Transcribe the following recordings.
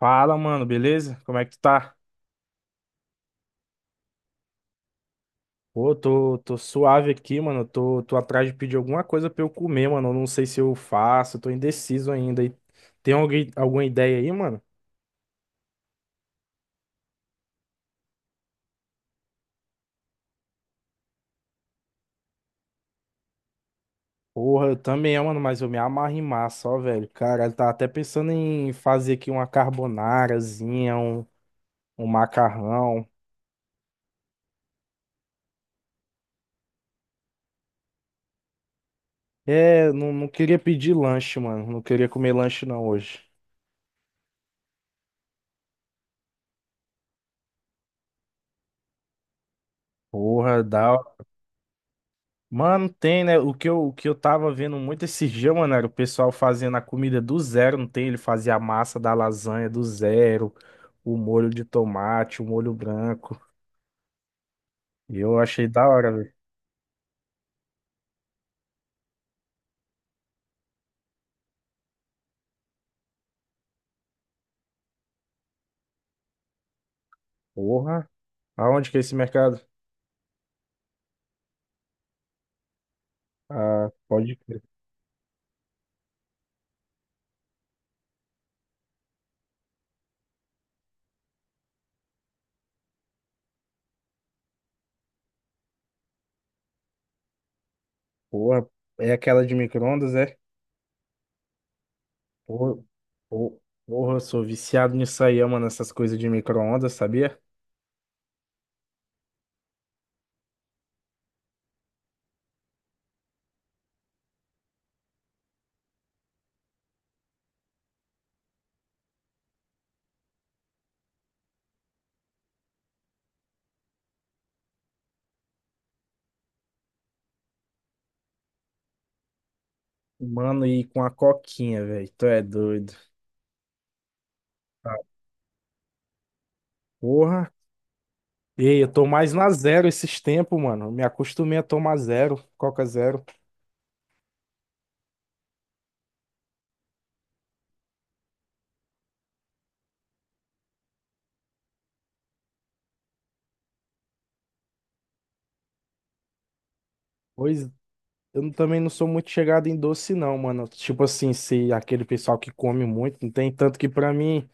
Fala, mano, beleza? Como é que tu tá? Pô, tô suave aqui, mano. Tô atrás de pedir alguma coisa pra eu comer, mano. Eu não sei se eu faço, tô indeciso ainda. E tem alguém, alguma ideia aí, mano? Porra, eu também, mano, mas eu me amarro em massa, ó, velho. Cara, eu tava até pensando em fazer aqui uma carbonarazinha, um macarrão. É, não queria pedir lanche, mano. Não queria comer lanche não hoje. Porra, dá. Mano, tem, né? O que eu tava vendo muito esses dias, mano, era o pessoal fazendo a comida do zero, não tem? Ele fazia a massa da lasanha do zero, o molho de tomate, o molho branco. E eu achei da hora, velho. Porra, aonde que é esse mercado? Ah, pode crer. Porra, é aquela de micro-ondas, é? Porra, por- porra, eu sou viciado nisso aí, mano, essas coisas de micro-ondas, sabia? Mano, e com a coquinha, velho, tu é doido. Porra. Ei, eu tô mais na zero esses tempos, mano. Me acostumei a tomar zero, Coca zero. Pois eu não- também não sou muito chegado em doce, não, mano. Tipo assim, se aquele pessoal que come muito, não tem tanto que pra mim,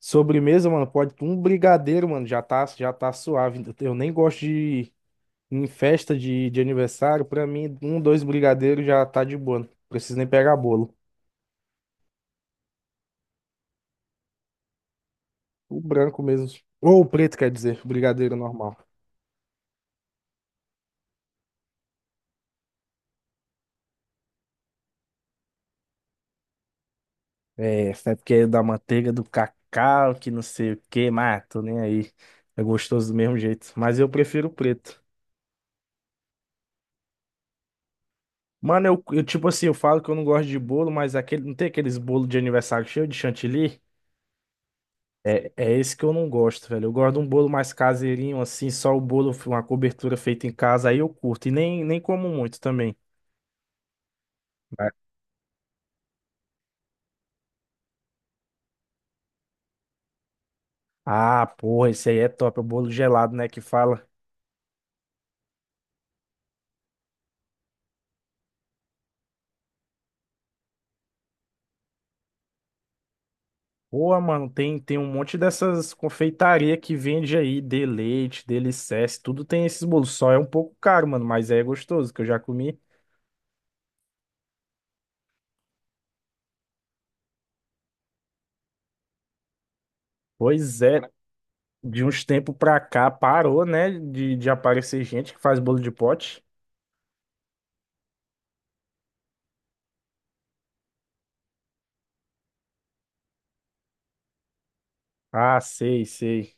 sobremesa, mano, pode um brigadeiro, mano, já tá suave. Eu nem gosto de em festa de aniversário, pra mim, um, dois brigadeiros já tá de boa. Não preciso nem pegar bolo. O branco mesmo. Ou o preto, quer dizer, brigadeiro normal. É, sempre querendo da manteiga, do cacau, que não sei o que, mas ah, tô nem aí. É gostoso do mesmo jeito. Mas eu prefiro o preto. Mano, tipo assim, eu falo que eu não gosto de bolo, mas aquele, não tem aqueles bolos de aniversário cheio de chantilly? É, é esse que eu não gosto, velho. Eu gosto de um bolo mais caseirinho, assim, só o bolo, uma cobertura feita em casa, aí eu curto. E nem como muito também. Mas- Ah, porra, esse aí é top, é o bolo gelado, né, que fala. Boa, mano, tem um monte dessas confeitaria que vende aí, de leite, delicesse, tudo tem esses bolos. Só é um pouco caro, mano, mas é gostoso, que eu já comi. Pois é, de uns tempos pra cá parou, né, de aparecer gente que faz bolo de pote. Ah, sei, sei.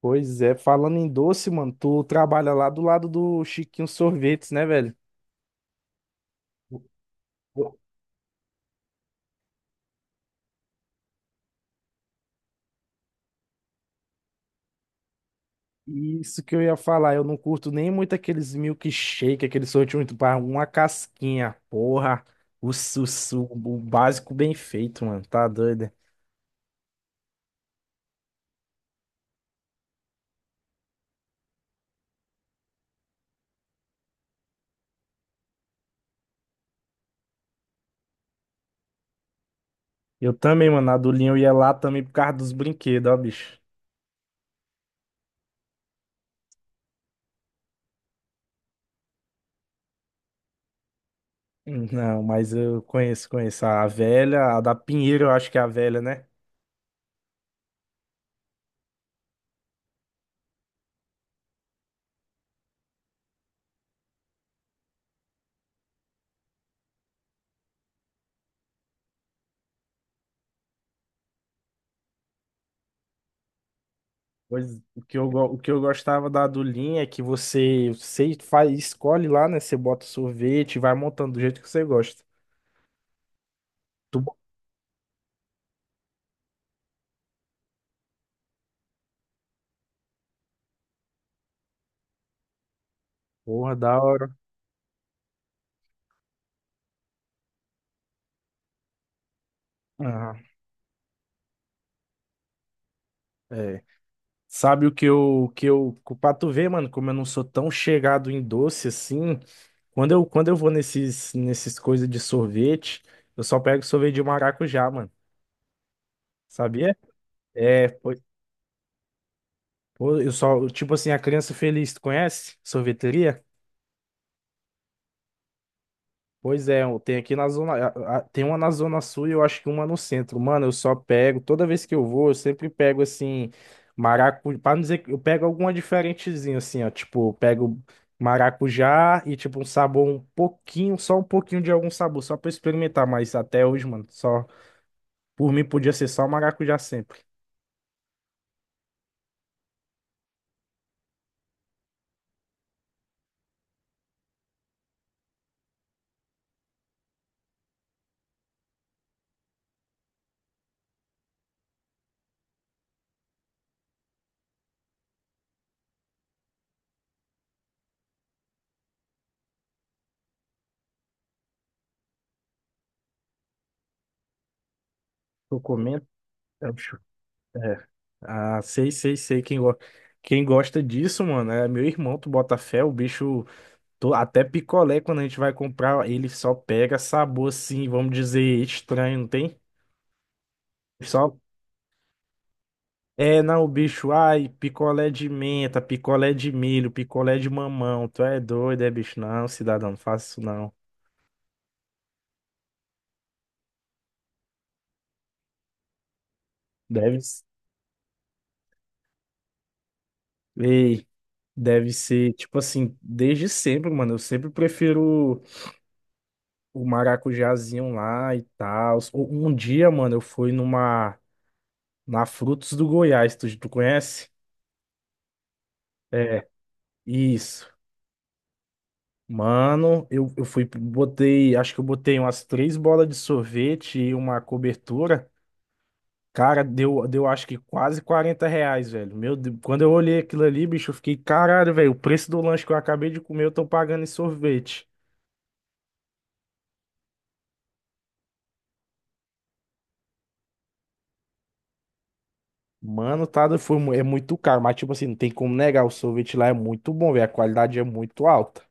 Pois é, falando em doce, mano, tu trabalha lá do lado do Chiquinho Sorvetes, né, velho? Isso que eu ia falar, eu não curto nem muito aqueles milkshake, aqueles sorvete muito para uma casquinha, porra. O, o básico bem feito, mano, tá doido? Eu também, mano, a do Linho eu ia lá também por causa dos brinquedos, ó, bicho. Não, mas eu conheço, conheço a velha, a da Pinheiro, eu acho que é a velha, né? Pois o que eu gostava da do é que você, você faz, escolhe lá, né? Você bota o sorvete, e vai montando do jeito que você gosta. Tu, porra, da hora. Aham. É. Sabe que eu, pra tu ver, mano, como eu não sou tão chegado em doce assim, quando eu vou nesses coisas de sorvete, eu só pego sorvete de maracujá, mano, sabia? É, pô, eu só, tipo assim, a Criança Feliz, tu conhece? Sorveteria? Pois é, tem aqui na zona, tem uma na zona sul e eu acho que uma no centro. Mano, eu só pego, toda vez que eu vou, eu sempre pego assim maracujá, para não dizer que eu pego alguma diferentezinha assim, ó, tipo, eu pego maracujá e tipo um sabor um pouquinho, só um pouquinho de algum sabor, só pra eu experimentar, mas até hoje, mano, só por mim podia ser só maracujá sempre. Tô comendo, é, o bicho, é. Ah, sei, sei, sei quem gosta. Quem gosta disso, mano, é meu irmão, tu bota fé, o bicho. Até picolé, quando a gente vai comprar, ele só pega sabor assim, vamos dizer, estranho, não tem? Só é, não, o bicho, ai, picolé de menta, picolé de milho, picolé de mamão. Tu é doido, é, bicho? Não, cidadão, não faça isso não. Deve, s- ei, deve ser, tipo assim, desde sempre, mano. Eu sempre prefiro o maracujazinho lá e tal. Um dia, mano, na Frutos do Goiás, tu conhece? É, isso. Mano, eu fui, botei, acho que eu botei umas três bolas de sorvete e uma cobertura. Cara, deu acho que quase R$ 40, velho. Meu Deus, quando eu olhei aquilo ali, bicho, eu fiquei, caralho, velho, o preço do lanche que eu acabei de comer, eu tô pagando em sorvete. Mano, tá, é muito caro, mas tipo assim, não tem como negar, o sorvete lá é muito bom, velho, a qualidade é muito alta.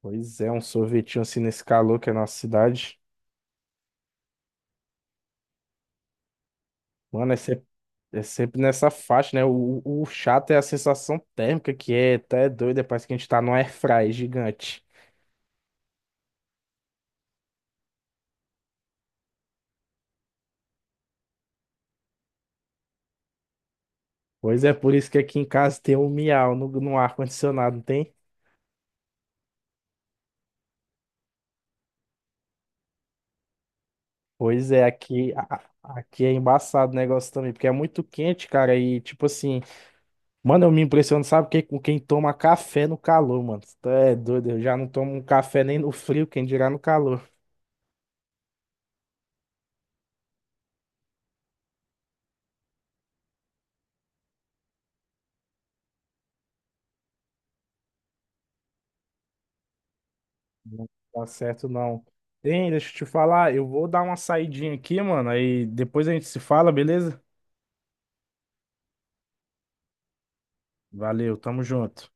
Pois é, um sorvetinho assim nesse calor que é a nossa cidade. Mano, é sempre, é sempre nessa faixa, né? O chato é a sensação térmica, que é até doida, parece que a gente tá num airfry gigante. Pois é, por isso que aqui em casa tem um miau no ar-condicionado, não tem? Pois é, aqui, aqui é embaçado o negócio também, porque é muito quente, cara, e tipo assim, mano, eu me impressiono, sabe, que, com quem toma café no calor, mano. Tu é doido, eu já não tomo um café nem no frio, quem dirá no calor. Não tá certo, não. Hein, deixa eu te falar, eu vou dar uma saidinha aqui, mano. Aí depois a gente se fala, beleza? Valeu, tamo junto.